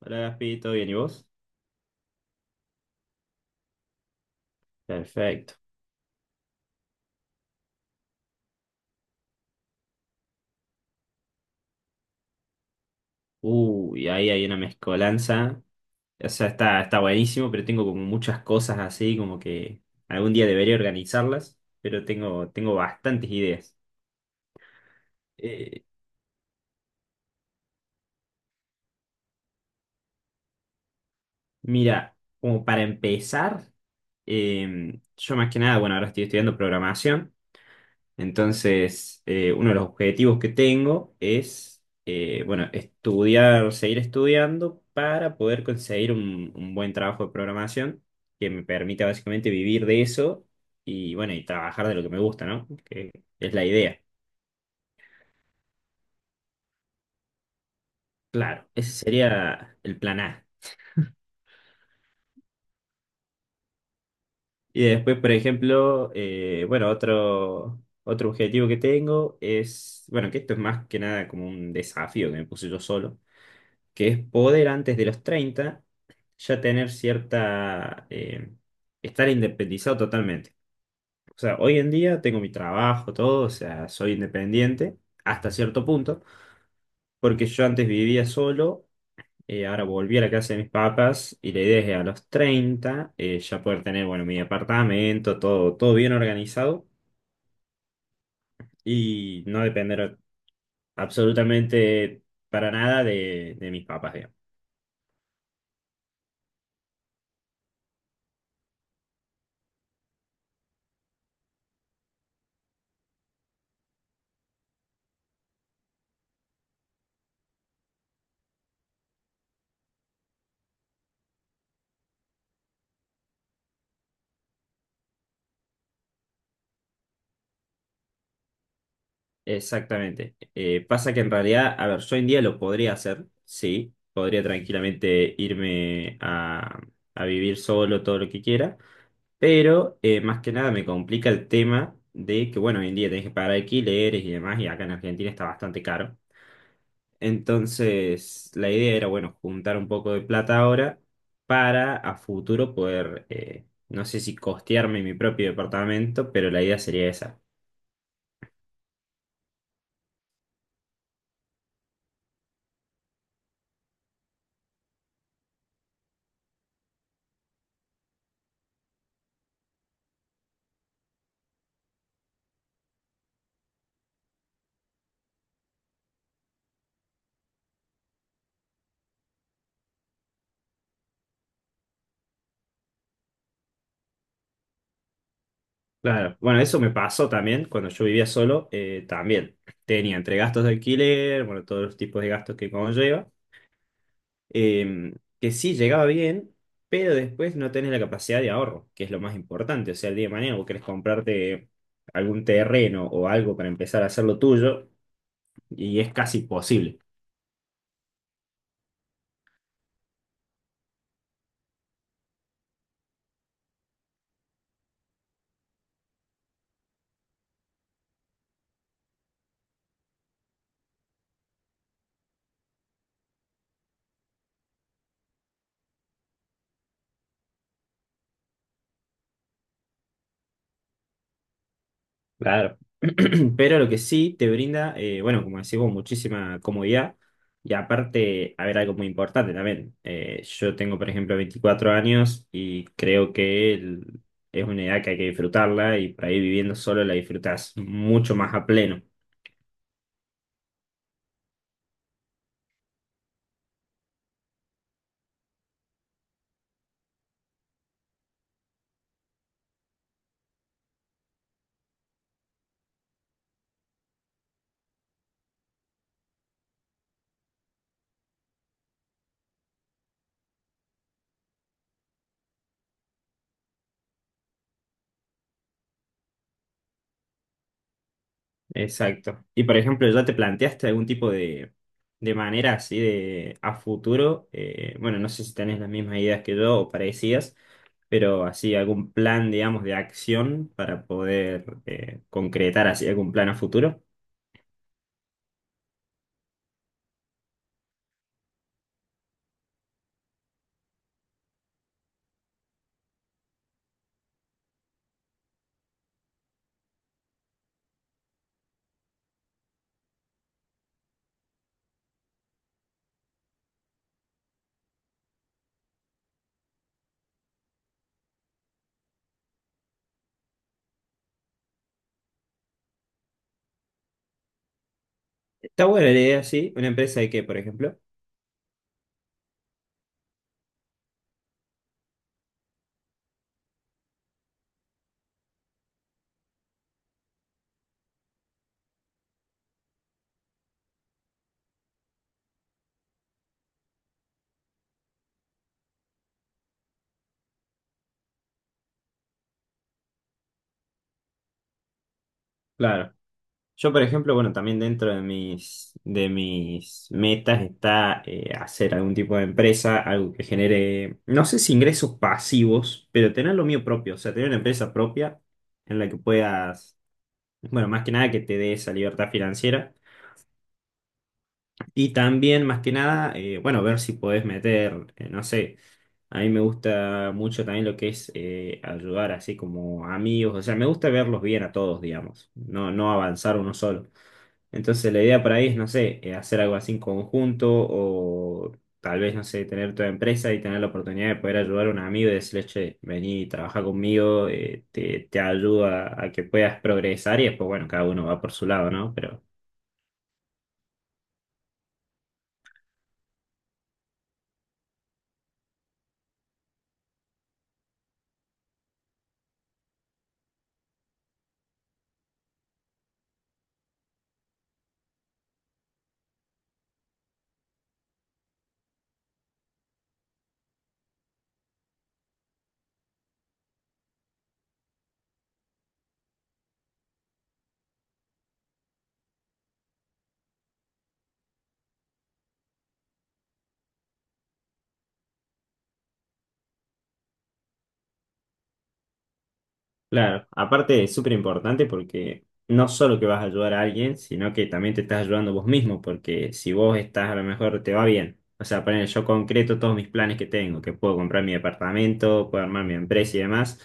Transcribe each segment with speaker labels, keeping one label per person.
Speaker 1: Hola Gaspi, ¿todo bien? ¿Y vos? Perfecto. Uy, ahí hay una mezcolanza. O sea, está buenísimo, pero tengo como muchas cosas así, como que algún día debería organizarlas, pero tengo bastantes ideas. Eh, mira, como para empezar, yo más que nada, bueno, ahora estoy estudiando programación. Entonces, uno de los objetivos que tengo es, bueno, estudiar, seguir estudiando para poder conseguir un buen trabajo de programación que me permita básicamente vivir de eso y, bueno, y trabajar de lo que me gusta, ¿no? Que es la idea. Claro, ese sería el plan A. Y después, por ejemplo, bueno, otro objetivo que tengo es, bueno, que esto es más que nada como un desafío que me puse yo solo, que es poder antes de los 30 ya tener cierta, estar independizado totalmente. O sea, hoy en día tengo mi trabajo, todo, o sea, soy independiente hasta cierto punto, porque yo antes vivía solo, ahora volví a la casa de mis papás y la idea es que a los 30 ya poder tener, bueno, mi apartamento, todo, todo bien organizado, y no depender absolutamente para nada de mis papás, digamos. Exactamente. Pasa que en realidad, a ver, yo hoy en día lo podría hacer, sí, podría tranquilamente irme a vivir solo todo lo que quiera, pero más que nada me complica el tema de que, bueno, hoy en día tenés que pagar alquileres y demás, y acá en Argentina está bastante caro. Entonces, la idea era, bueno, juntar un poco de plata ahora para a futuro poder, no sé si costearme mi propio departamento, pero la idea sería esa. Claro, bueno, eso me pasó también cuando yo vivía solo, también tenía entre gastos de alquiler, bueno, todos los tipos de gastos que conlleva, eh, que sí llegaba bien, pero después no tenés la capacidad de ahorro, que es lo más importante, o sea, el día de mañana vos querés comprarte algún terreno o algo para empezar a hacer lo tuyo, y es casi imposible. Claro. Pero lo que sí te brinda, bueno, como decimos, muchísima comodidad. Y aparte, a ver, algo muy importante también. Yo tengo, por ejemplo, 24 años y creo que es una edad que hay que disfrutarla y por ahí viviendo solo la disfrutás mucho más a pleno. Exacto. Y por ejemplo, ¿ya te planteaste algún tipo de manera así de a futuro? Bueno, no sé si tenés las mismas ideas que yo o parecidas, pero así algún plan, digamos, de acción para poder concretar así algún plan a futuro. Está buena la idea, sí. Una empresa de qué, por ejemplo. Claro. Yo, por ejemplo, bueno, también dentro de mis metas está hacer algún tipo de empresa, algo que genere, no sé si ingresos pasivos, pero tener lo mío propio, o sea, tener una empresa propia en la que puedas, bueno, más que nada que te dé esa libertad financiera. Y también, más que nada, bueno, ver si podés meter, no sé. A mí me gusta mucho también lo que es ayudar así como amigos, o sea, me gusta verlos bien a todos, digamos, no, no avanzar uno solo. Entonces la idea por ahí es, no sé, hacer algo así en conjunto o tal vez, no sé, tener tu empresa y tener la oportunidad de poder ayudar a un amigo y decirle, che, vení, trabaja conmigo, te ayuda a que puedas progresar y después, bueno, cada uno va por su lado, ¿no? Pero claro, aparte es súper importante porque no solo que vas a ayudar a alguien, sino que también te estás ayudando vos mismo, porque si vos estás a lo mejor te va bien. O sea, poner yo concreto todos mis planes que tengo, que puedo comprar mi departamento, puedo armar mi empresa y demás,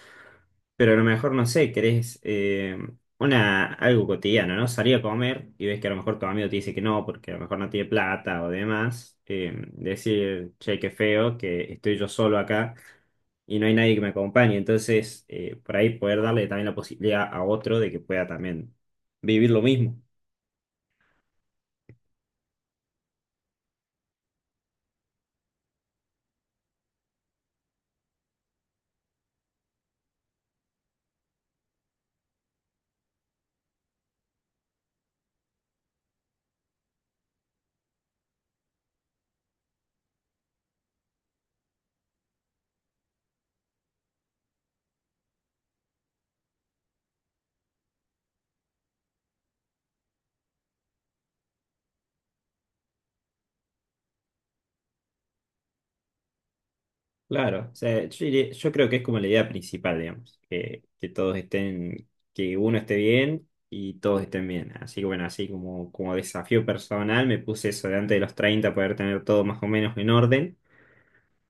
Speaker 1: pero a lo mejor no sé, querés una, algo cotidiano, ¿no? Salir a comer y ves que a lo mejor tu amigo te dice que no, porque a lo mejor no tiene plata o demás, decir, che, qué feo, que estoy yo solo acá y no hay nadie que me acompañe. Entonces, por ahí poder darle también la posibilidad a otro de que pueda también vivir lo mismo. Claro, o sea, yo, yo creo que es como la idea principal, digamos, que todos estén, que uno esté bien y todos estén bien. Así que bueno, así como, como desafío personal me puse eso de antes de los 30 poder tener todo más o menos en orden.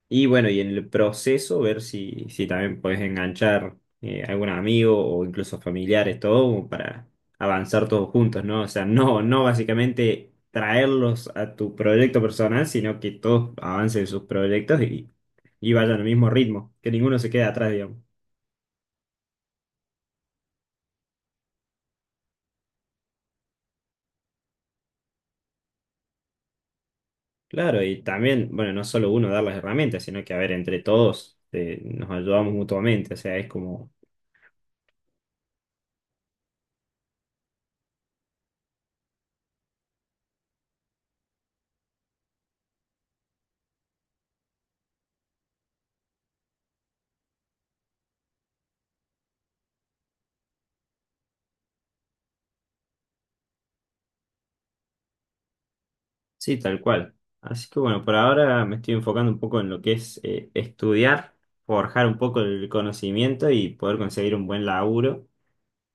Speaker 1: Y bueno, y en el proceso ver si, si también puedes enganchar algún amigo o incluso familiares, todo como para avanzar todos juntos, ¿no? O sea, no, no básicamente traerlos a tu proyecto personal, sino que todos avancen sus proyectos y vayan al mismo ritmo, que ninguno se quede atrás, digamos. Claro, y también, bueno, no solo uno dar las herramientas, sino que a ver, entre todos nos ayudamos mutuamente, o sea, es como sí, tal cual. Así que bueno, por ahora me estoy enfocando un poco en lo que es estudiar, forjar un poco el conocimiento y poder conseguir un buen laburo.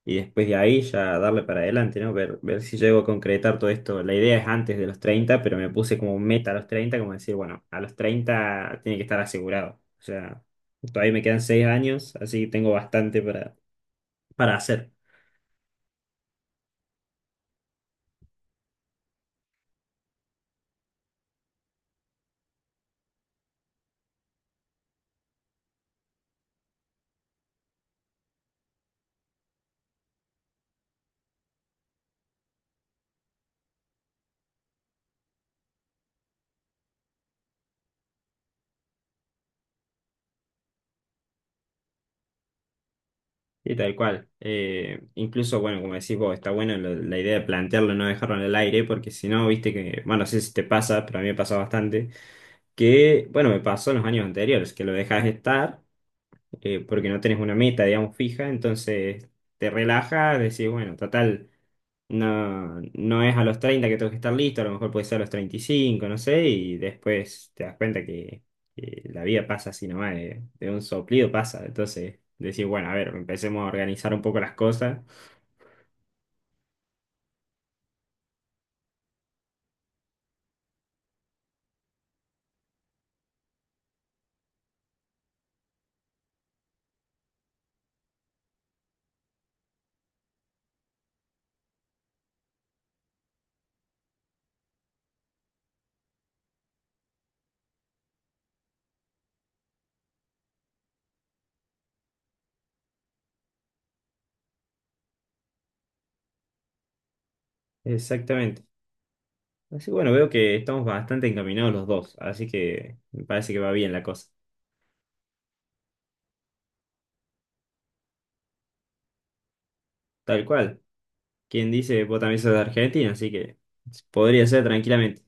Speaker 1: Y después de ahí ya darle para adelante, ¿no? Ver, ver si llego a concretar todo esto. La idea es antes de los 30, pero me puse como meta a los 30 como decir, bueno, a los 30 tiene que estar asegurado. O sea, todavía me quedan 6 años, así que tengo bastante para hacer. Y tal cual. Incluso, bueno, como decís vos, está bueno la idea de plantearlo, no dejarlo en el aire, porque si no, viste que, bueno, no sé si te pasa, pero a mí me pasa bastante, que, bueno, me pasó en los años anteriores, que lo dejas estar, porque no tenés una meta, digamos, fija, entonces te relajas, decís, bueno, total. No, no es a los 30 que tengo que estar listo, a lo mejor puede ser a los 35, no sé, y después te das cuenta que la vida pasa así nomás, de un soplido pasa. Entonces, decir, bueno, a ver, empecemos a organizar un poco las cosas. Exactamente. Así bueno, veo que estamos bastante encaminados los dos, así que me parece que va bien la cosa. Tal cual. Quien dice, vos también sos de Argentina, así que podría ser tranquilamente.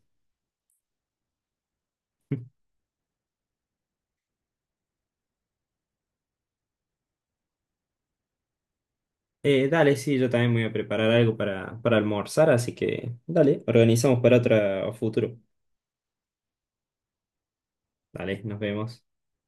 Speaker 1: Dale, sí, yo también me voy a preparar algo para almorzar, así que dale, organizamos para otro futuro. Dale, nos vemos.